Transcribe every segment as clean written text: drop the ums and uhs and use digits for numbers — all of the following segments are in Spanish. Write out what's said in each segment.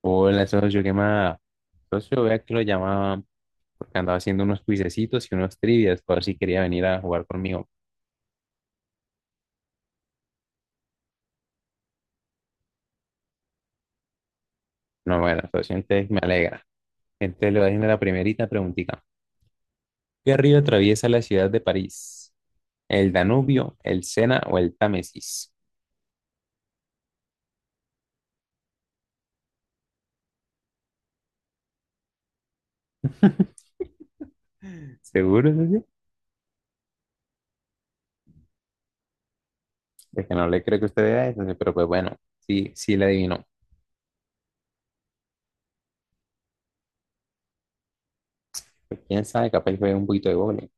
Hola, socio, ¿qué más? Socio, vea que lo llamaba porque andaba haciendo unos cuisecitos y unos trivias, por si quería venir a jugar conmigo. No, bueno, socio, entonces me alegra. Entonces le voy haciendo la primerita preguntita. ¿Qué río atraviesa la ciudad de París? ¿El Danubio, el Sena o el Támesis? ¿Seguro, socio? Es que no le creo que usted vea eso, socio, pero pues bueno, sí, sí le adivinó. Pues, quién sabe, capaz fue un poquito de vole.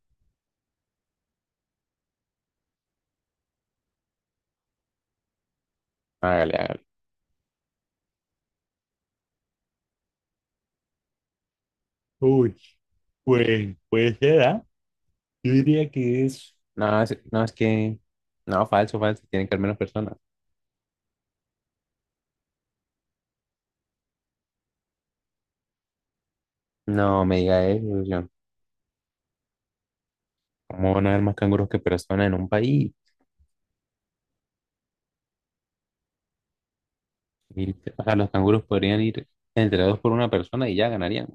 Hágale, hágale. Uy, pues puede ser, ¿ah? Yo diría que es, No, es, no, es que, no, falso, falso, tienen que haber menos personas. No, me diga eso, John. ¿Cómo van a haber más canguros que personas en un país? Y, o sea, los canguros podrían ir entre dos por una persona y ya ganarían.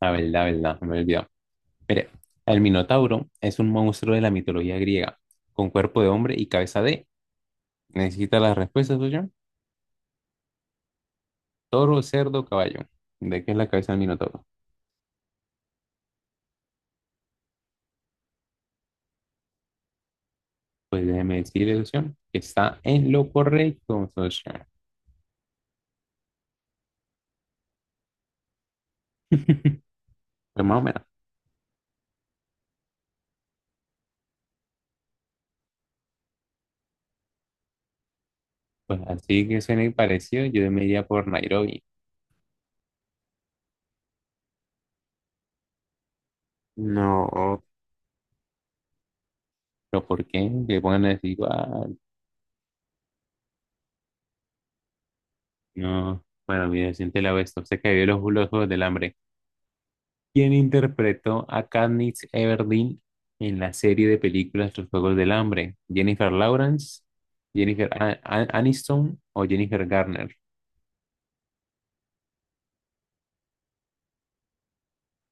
La verdad, verdad, me he olvidado. Mire, el Minotauro es un monstruo de la mitología griega, con cuerpo de hombre y cabeza de... ¿Necesita las respuestas, no, John? Toro, cerdo, caballo. ¿De qué es la cabeza del Minotauro? Pues déjeme decirle, no, John, que está en lo correcto, ¿no, John? Pues más o menos. Pues así que suene parecido, yo me iría por Nairobi. No, ¿pero por qué? Que pongan así. No. Bueno, mira, siente la vez. Se cayó los Juegos del Hambre. ¿Quién interpretó a Katniss Everdeen en la serie de películas Los Juegos del Hambre? ¿Jennifer Lawrence, ¿Jennifer Aniston? O Jennifer Garner?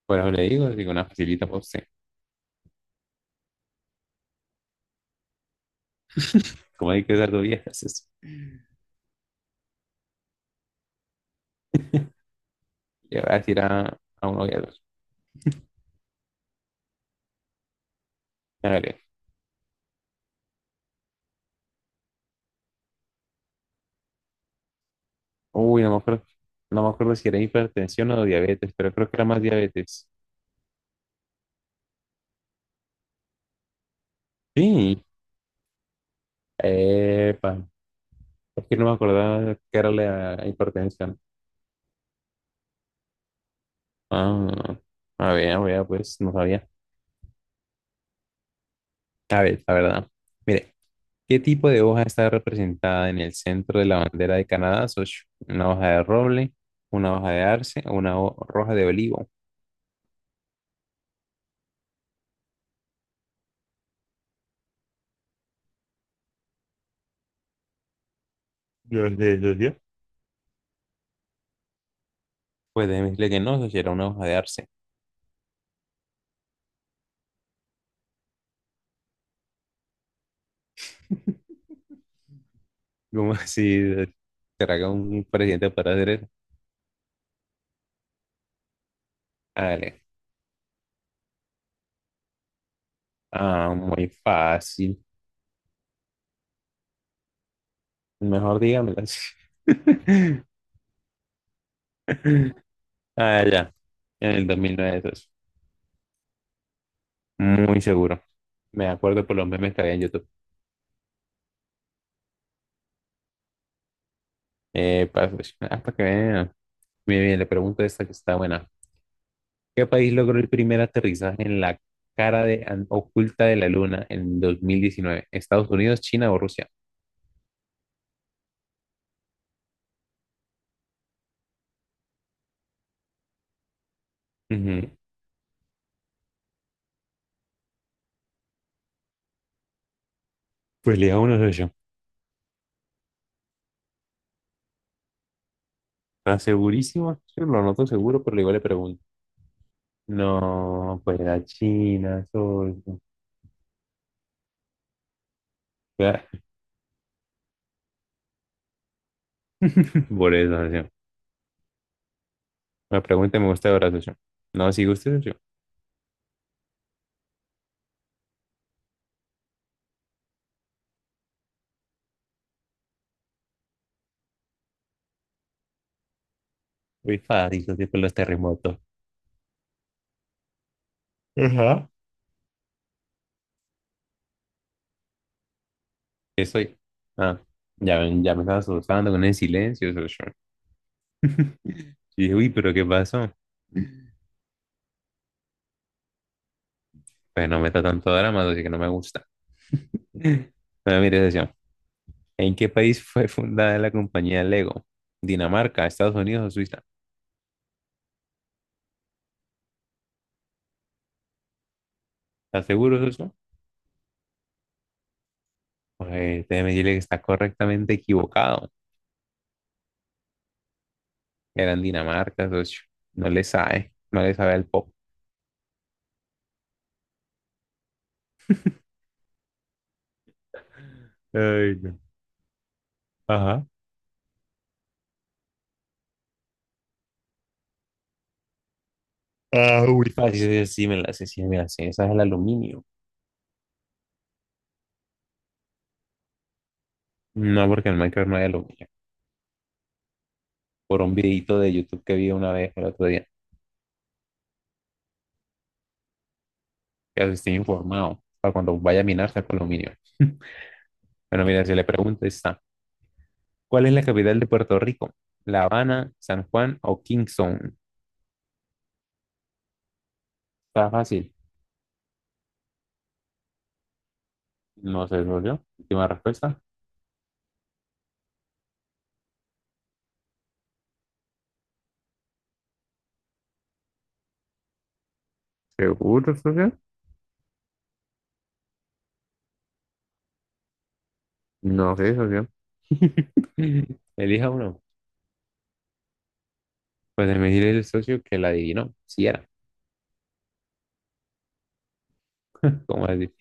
Por eso le digo, una facilita por usted. Como hay que dar dos viejas, eso. Le voy a decir a uno de los. Uy, no me acuerdo, no me acuerdo si era hipertensión o diabetes, pero creo que era más diabetes. Sí, epa, es que no me acordaba que era la hipertensión. Ah, a ver, pues no sabía. A ver, la verdad. Mire, ¿qué tipo de hoja está representada en el centro de la bandera de Canadá, socio? ¿Una hoja de roble, una hoja de arce o una hoja de olivo? Yo sé, yo sé. Pues déjeme decirle que no, socio, era una hoja de arce. ¿Cómo así? ¿Será que un presidente podrá hacer eso? Hágale. Ah, muy fácil. Mejor dígamelas. Ah, ya. En el 2009 eso es. Muy seguro. Me acuerdo por los memes que había en YouTube. Pues, ah, para, hasta que vean. Bien, bien, le pregunto esta que está buena. ¿Qué país logró el primer aterrizaje en la oculta de la luna en 2019? ¿Estados Unidos, China o Rusia? Ujú. Pues le hago uno de ellos. ¿Está segurísimo? Yo lo noto seguro, pero igual le pregunto. No, pues la China, soy. Por eso, socio. La pregunta me gusta ahora, socio. No, si gusta, socio. Muy fácil, socio, con los terremotos. Ajá. ¿Qué soy? Ah, ya, ven, ya me estaba asustando con el silencio, socio. Y dije, uy, pero ¿qué pasó? Pues no meta tanto drama, así que no me gusta. Bueno, mire, socio. ¿En qué país fue fundada la compañía Lego? ¿Dinamarca, Estados Unidos o Suiza? ¿Estás seguro, socio? Pues déjeme decirle que está correctamente equivocado. Era en Dinamarca, socio. No le sabe, no le sabe al pop. Ay, no. Ajá. Ah, muy fácil. Sí, sí, me la sé, sí, me la sé. Esa es el aluminio. No, porque en Minecraft no hay aluminio. Por un videito de YouTube que vi una vez el otro día. Ya estoy informado para cuando vaya a minar saco aluminio. Bueno, mira, si le pregunto está. ¿Cuál es la capital de Puerto Rico? ¿La Habana, San Juan o Kingston? Está fácil. No sé, socio. Última respuesta. ¿Seguro, socio? No sé, socio. Elija uno. Pues se me dice el socio que la adivinó. Sí era. ¿Cómo así?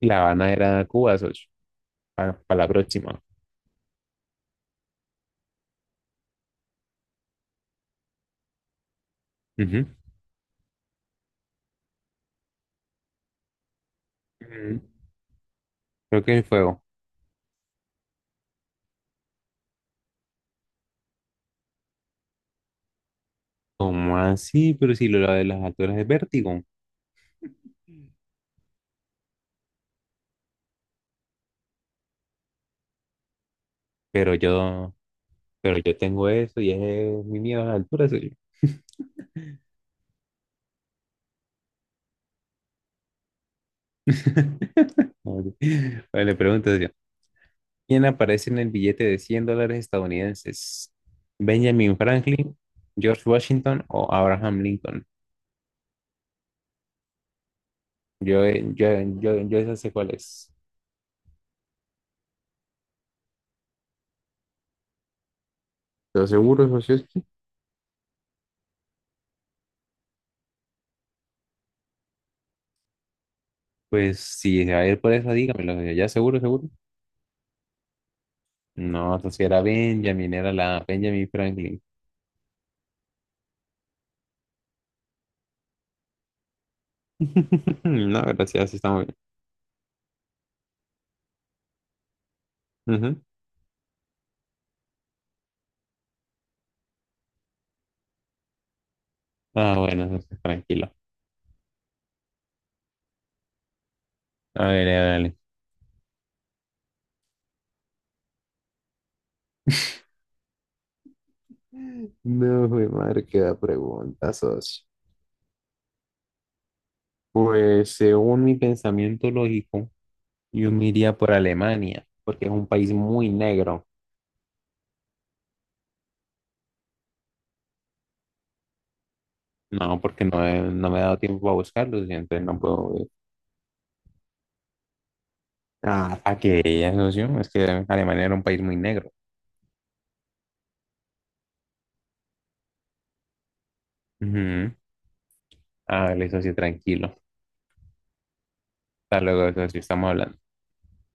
Y La Habana era Cuba, socio. Para la próxima. Ujú. Ujú. Creo que el fuego. ¿Cómo así? Pero si lo de las alturas es vértigo. Pero yo, pero yo tengo eso y es mi miedo a las alturas, socio. Bueno, le pregunto, socio. ¿Quién aparece en el billete de 100 dólares estadounidenses? ¿Benjamin Franklin, George Washington o Abraham Lincoln? Yo, yo, yo esa sé cuál es. ¿Estás seguro, Sosieski? Pues si se va a ir por eso, dígamelo. ¿Ya seguro, seguro? No, entonces era Benjamin, era la Benjamin Franklin. No, gracias, sí está muy bien. Ujú. Ah, bueno, entonces tranquilo. A ver, dale. No, mi madre, qué da pregunta, socio. Pues según mi pensamiento lógico, yo me iría por Alemania, porque es un país muy negro. No, porque no me he dado tiempo a buscarlo, y entonces no puedo... Ah, a que ella, socio, es que Alemania era un país muy negro. Ujú. Ah, vale, socio, tranquilo. Hasta luego, socio, estamos hablando.